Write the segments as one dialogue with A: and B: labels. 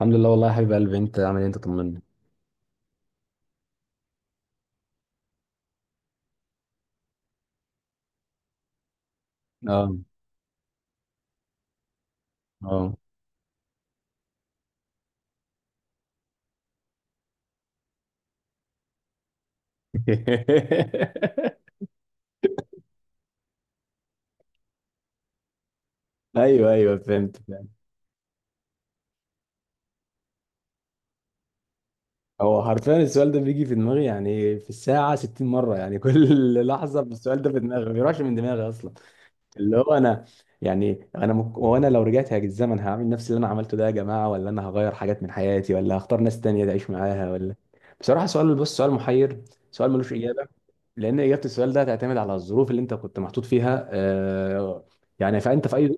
A: الحمد لله والله، يا حبيب قلبي، انت عامل ايه؟ انت طمني. اه. اه. ايوه، ايوه، فهمت فهمت. هو حرفيا السؤال ده بيجي في دماغي، يعني في الساعه 60 مره، يعني كل لحظه السؤال ده في دماغي، ما بيروحش من دماغي اصلا. اللي هو انا، يعني وانا لو رجعت هاجي الزمن هعمل نفس اللي انا عملته ده يا جماعه، ولا انا هغير حاجات من حياتي، ولا هختار ناس تانية تعيش معاها، ولا... بصراحه سؤال، بص، سؤال محير. سؤال ملوش اجابه، لان اجابه السؤال ده هتعتمد على الظروف اللي انت كنت محطوط فيها، آه، يعني فانت في اي...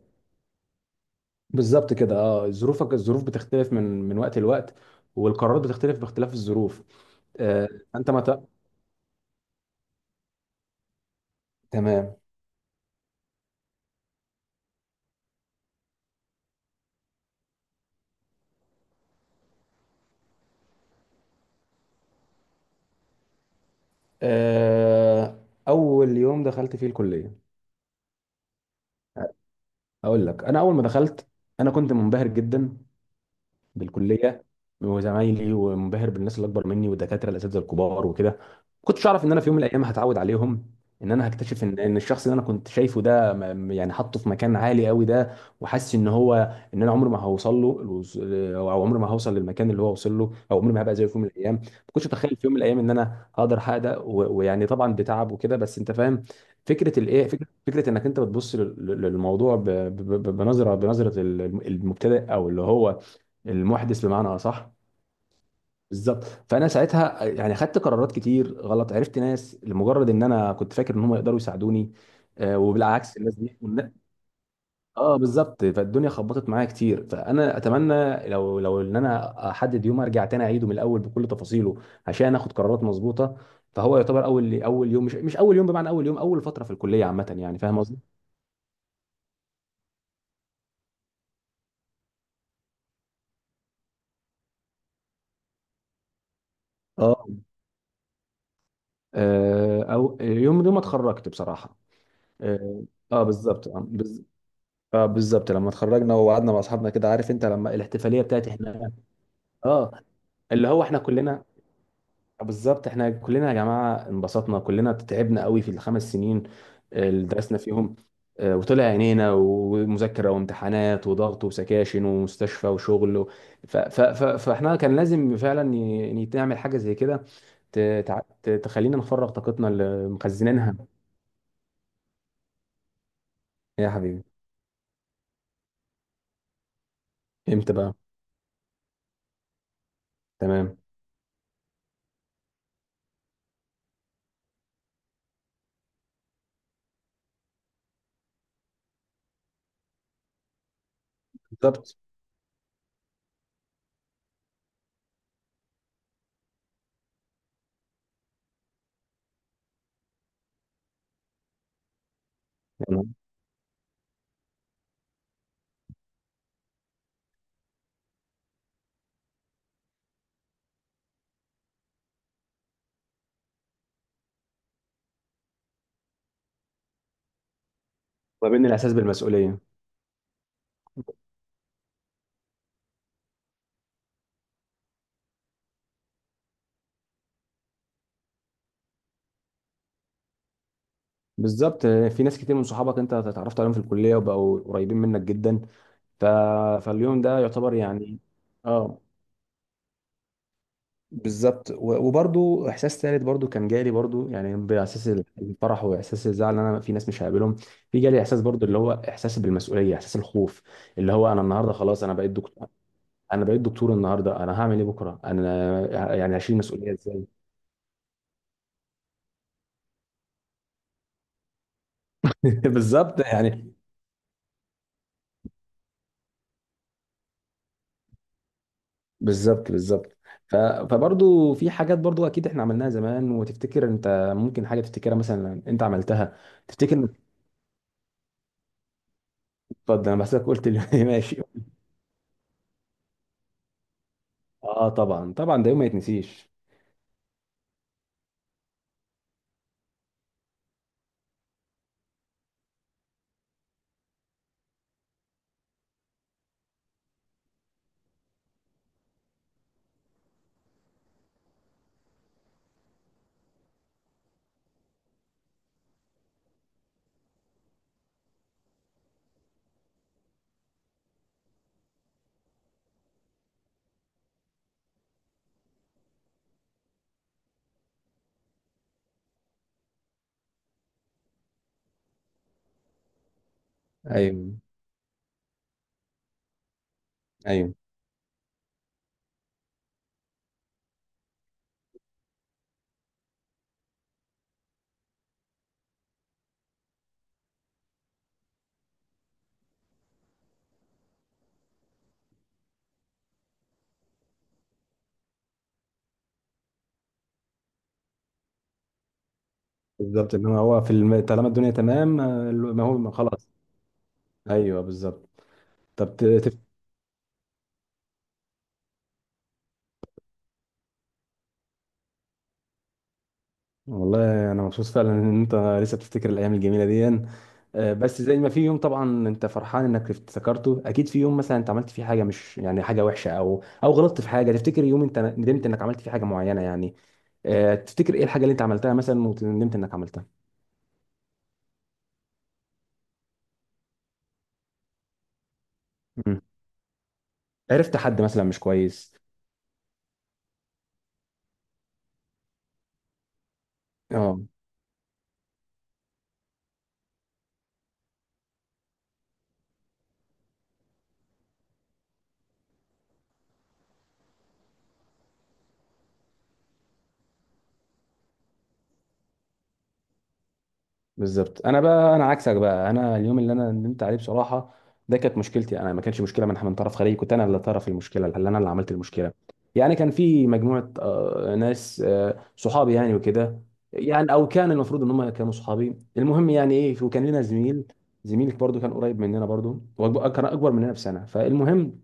A: بالظبط كده. اه، ظروفك، الظروف بتختلف من وقت لوقت، والقرارات بتختلف باختلاف الظروف. آه، انت ما ت... تمام. آه، اول يوم دخلت فيه الكليه. اقول لك، انا اول ما دخلت، انا كنت منبهر جدا بالكليه وزمايلي، ومنبهر بالناس اللي اكبر مني والدكاتره الاساتذه الكبار وكده. ما كنتش اعرف ان انا في يوم من الايام هتعود عليهم، ان انا هكتشف ان الشخص اللي انا كنت شايفه ده، يعني حاطه في مكان عالي قوي ده، وحاسس ان هو، ان انا عمري ما هوصل له او عمري ما هوصل للمكان اللي هو وصل له، او عمري ما هبقى زيه في يوم من الايام. ما كنتش اتخيل في يوم من الايام ان انا هقدر احقق ده، ويعني طبعا بتعب وكده، بس انت فاهم. فكره الايه فكره فكره انك انت بتبص للموضوع بنظره المبتدئ، او اللي هو المحدث بمعنى اصح. بالظبط. فانا ساعتها يعني خدت قرارات كتير غلط، عرفت ناس لمجرد ان انا كنت فاكر ان هم يقدروا يساعدوني. آه، وبالعكس الناس دي اه بالظبط. فالدنيا خبطت معايا كتير. فانا اتمنى لو ان انا احدد يوم ارجع تاني اعيده من الاول بكل تفاصيله، عشان اخد قرارات مظبوطه. فهو يعتبر اول يوم، مش اول يوم بمعنى اول يوم، اول فتره في الكليه عامه، يعني فاهم قصدي؟ اه، آه، او يوم، يوم ما اتخرجت بصراحه. اه، آه، بالظبط، آه. اه، بالظبط، لما اتخرجنا وقعدنا مع اصحابنا كده، عارف انت لما الاحتفاليه بتاعت احنا. اه، اللي هو احنا كلنا. بالظبط، احنا كلنا يا جماعه انبسطنا، كلنا تعبنا قوي في الخمس سنين اللي درسنا فيهم، آه، وطلع عينينا، ومذاكره وامتحانات وضغط وسكاشن ومستشفى وشغل ف ف ف فاحنا كان لازم فعلا نعمل حاجه زي كده، تخلينا نفرغ طاقتنا اللي مخزنينها. يا حبيبي، امتى بقى؟ تمام. بالظبط، يعني، وبين الاحساس بالمسؤوليه. بالظبط، في ناس كتير من صحابك انت اتعرفت عليهم في الكليه وبقوا قريبين منك جدا، ف... فاليوم ده يعتبر يعني... اه، بالظبط، وبرضو احساس ثالث، برضو كان جالي برضو، يعني باحساس الفرح واحساس الزعل، ان انا في ناس مش هقابلهم. في جالي احساس برضو، اللي هو احساس بالمسؤوليه، احساس الخوف، اللي هو، انا النهارده خلاص انا بقيت دكتور. انا بقيت دكتور النهارده، انا هعمل ايه بكره؟ انا يعني هشيل مسؤوليه ازاي؟ بالظبط، يعني. بالظبط، بالظبط. ف... فبرضو في حاجات برضو اكيد احنا عملناها زمان، وتفتكر انت ممكن حاجه تفتكرها مثلا انت عملتها. تفتكر اتفضل، انا بحسك قلت لي. ماشي. اه، طبعا طبعا، ده يوم ما يتنسيش. ايوه ايوه، بالظبط، ان هو في طالما الدنيا تمام، آه، ما هو ما خلاص. ايوه بالظبط. طب ت- تف... والله انا مبسوط فعلا ان انت لسه بتفتكر الايام الجميله دي. آه، بس زي ما في يوم طبعا انت فرحان انك افتكرته، اكيد في يوم مثلا انت عملت فيه حاجه، مش يعني حاجه وحشه، او او غلطت في حاجه. تفتكر يوم انت ندمت انك عملت فيه حاجه معينه يعني؟ آه، تفتكر ايه الحاجه اللي انت عملتها مثلا وندمت انك عملتها؟ مم. عرفت حد مثلا مش كويس؟ اه، بالظبط. انا بقى، انا عكسك بقى، انا اليوم اللي انا ندمت عليه بصراحه ده، كانت مشكلتي، انا ما كانش مشكله من طرف خارجي، كنت انا اللي طرف المشكله، اللي انا اللي عملت المشكله. يعني كان في مجموعه، آه، ناس، آه، صحابي يعني وكده، يعني او كان المفروض ان هم كانوا صحابي، المهم يعني ايه، وكان لنا زميل. زميلك برضو كان قريب مننا برضو، كان اكبر مننا بسنه. فالمهم،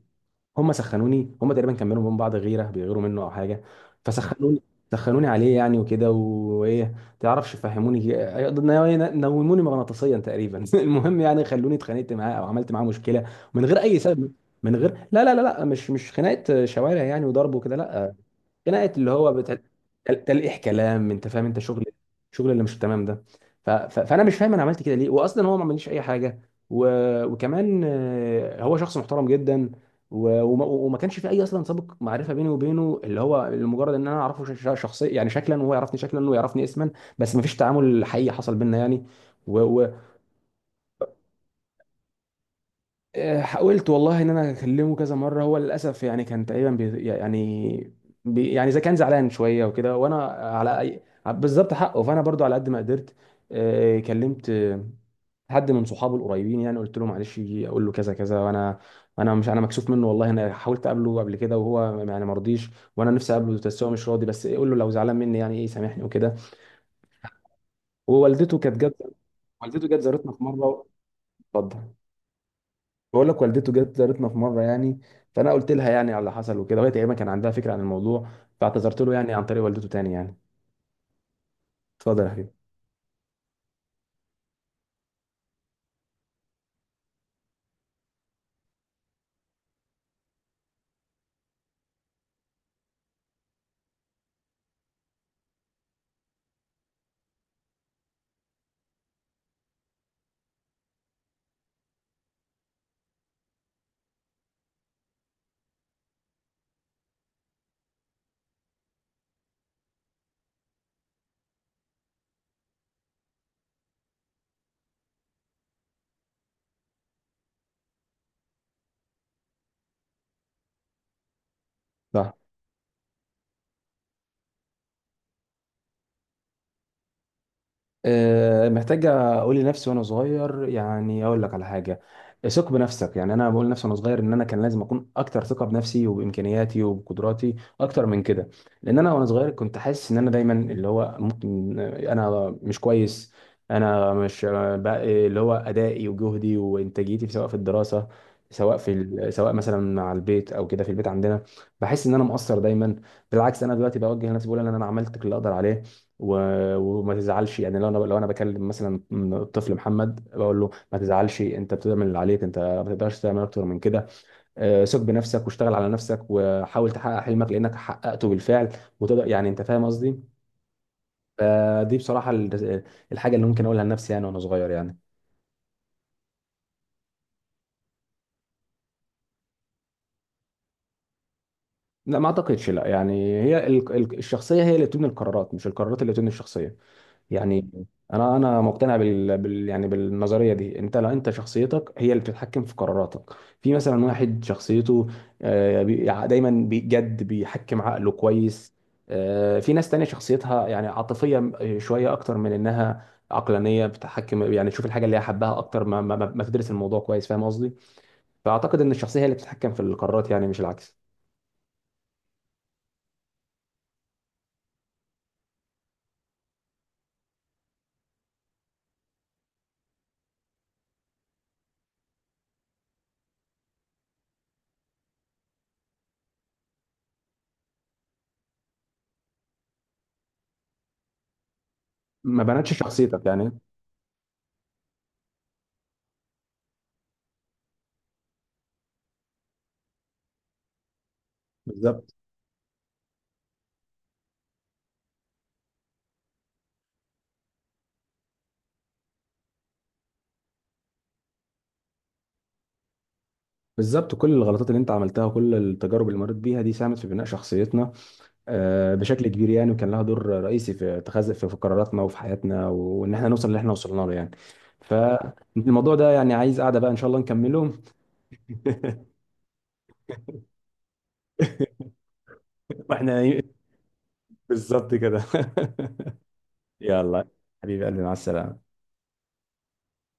A: هم سخنوني، هم تقريبا كملوا من بعض غيره بيغيروا منه او حاجه. مم. فسخنوني عليه يعني، وكده، وايه. تعرفش، فهموني، نوموني مغناطيسيا تقريبا. المهم يعني خلوني اتخانقت معاه او عملت معاه مشكله من غير اي سبب. من غير... لا لا لا لا، مش خناقه شوارع يعني وضرب وكده، لا. خناقه اللي هو تلقيح كلام، انت فاهم، انت شغل، شغل اللي مش تمام ده. فانا مش فاهم انا عملت كده ليه، واصلا هو ما عملليش اي حاجه. و... وكمان آه، هو شخص محترم جدا، وما كانش في اي اصلا سابق معرفه بيني وبينه، اللي هو لمجرد ان انا اعرفه شخصيا، يعني شكلا، وهو يعرفني شكلا، ويعرفني اسما. بس ما فيش تعامل حقيقي حصل بينا يعني. و... و... آه، حاولت والله ان انا اكلمه كذا مره، هو للاسف يعني كان تقريبا بي يعني بي يعني اذا كان زعلان شويه وكده، وانا على أي... بالظبط، حقه. فانا برضو على قد ما قدرت، آه، كلمت آه، حد من صحابه القريبين يعني، قلت له معلش، يجي اقول له كذا كذا، وانا انا مش انا مكسوف منه، والله انا حاولت اقابله قبل كده، وهو يعني ما رضيش، وانا نفسي اقابله، بس هو مش راضي. بس إيه، قول له لو زعلان مني يعني ايه، سامحني وكده. ووالدته كانت جت. والدته جت زارتنا في مره. اتفضل. بقول لك، والدته جت زارتنا في مره يعني، فانا قلت لها يعني على اللي حصل وكده، لغايه ايام ما كان عندها فكره عن الموضوع، فاعتذرت له يعني عن طريق والدته تاني يعني. اتفضل يا حبيبي. صح. آه، محتاجة أقول لنفسي وأنا صغير، يعني أقول لك على حاجة: ثق بنفسك. يعني أنا بقول لنفسي وأنا صغير إن أنا كان لازم أكون أكتر ثقة بنفسي وبإمكانياتي وبقدراتي أكتر من كده. لأن أنا وأنا صغير كنت حاسس إن أنا دايما اللي هو ممكن أنا مش كويس. أنا مش بقى اللي هو أدائي وجهدي وإنتاجيتي، سواء في الدراسة، سواء في سواء مثلا مع البيت او كده، في البيت عندنا، بحس ان انا مقصر دايما. بالعكس، انا دلوقتي بوجه لنفسي، بقول ان انا عملت كل اللي اقدر عليه، وما تزعلش، يعني لو انا بكلم مثلا الطفل محمد، بقول له: ما تزعلش، انت بتعمل اللي عليك، انت ما تقدرش تعمل اكتر من كده. آه، ثق بنفسك، واشتغل على نفسك، وحاول تحقق حلمك، لانك حققته بالفعل، وتقدر، يعني انت فاهم قصدي. فدي بصراحه الحاجه اللي ممكن اقولها لنفسي يعني وانا صغير يعني. لا، ما اعتقدش، لا، يعني هي الشخصيه هي اللي بتبني القرارات، مش القرارات اللي بتبني الشخصيه. يعني انا مقتنع يعني بالنظريه دي. انت، لو انت شخصيتك هي اللي بتتحكم في قراراتك. في مثلا واحد شخصيته، آه، دايما بجد بيحكم عقله كويس، آه، في ناس تانية شخصيتها يعني عاطفيه شويه اكتر من انها عقلانيه، بتحكم، يعني تشوف الحاجه اللي هي حبها اكتر ما تدرس الموضوع كويس، فاهم قصدي. فاعتقد ان الشخصيه هي اللي بتتحكم في القرارات، يعني مش العكس. ما بنتش شخصيتك يعني. بالظبط، بالظبط، كل الغلطات اللي انت عملتها وكل التجارب اللي مريت بيها دي ساهمت في بناء شخصيتنا، آه، بشكل كبير يعني، وكان لها دور رئيسي في اتخاذ، في قراراتنا وفي حياتنا، وان احنا نوصل اللي احنا وصلنا له يعني. فالموضوع ده، يعني عايز قاعده بقى ان شاء الله نكمله. واحنا، بالظبط كده. يلا، حبيبي قلبي، مع السلامه.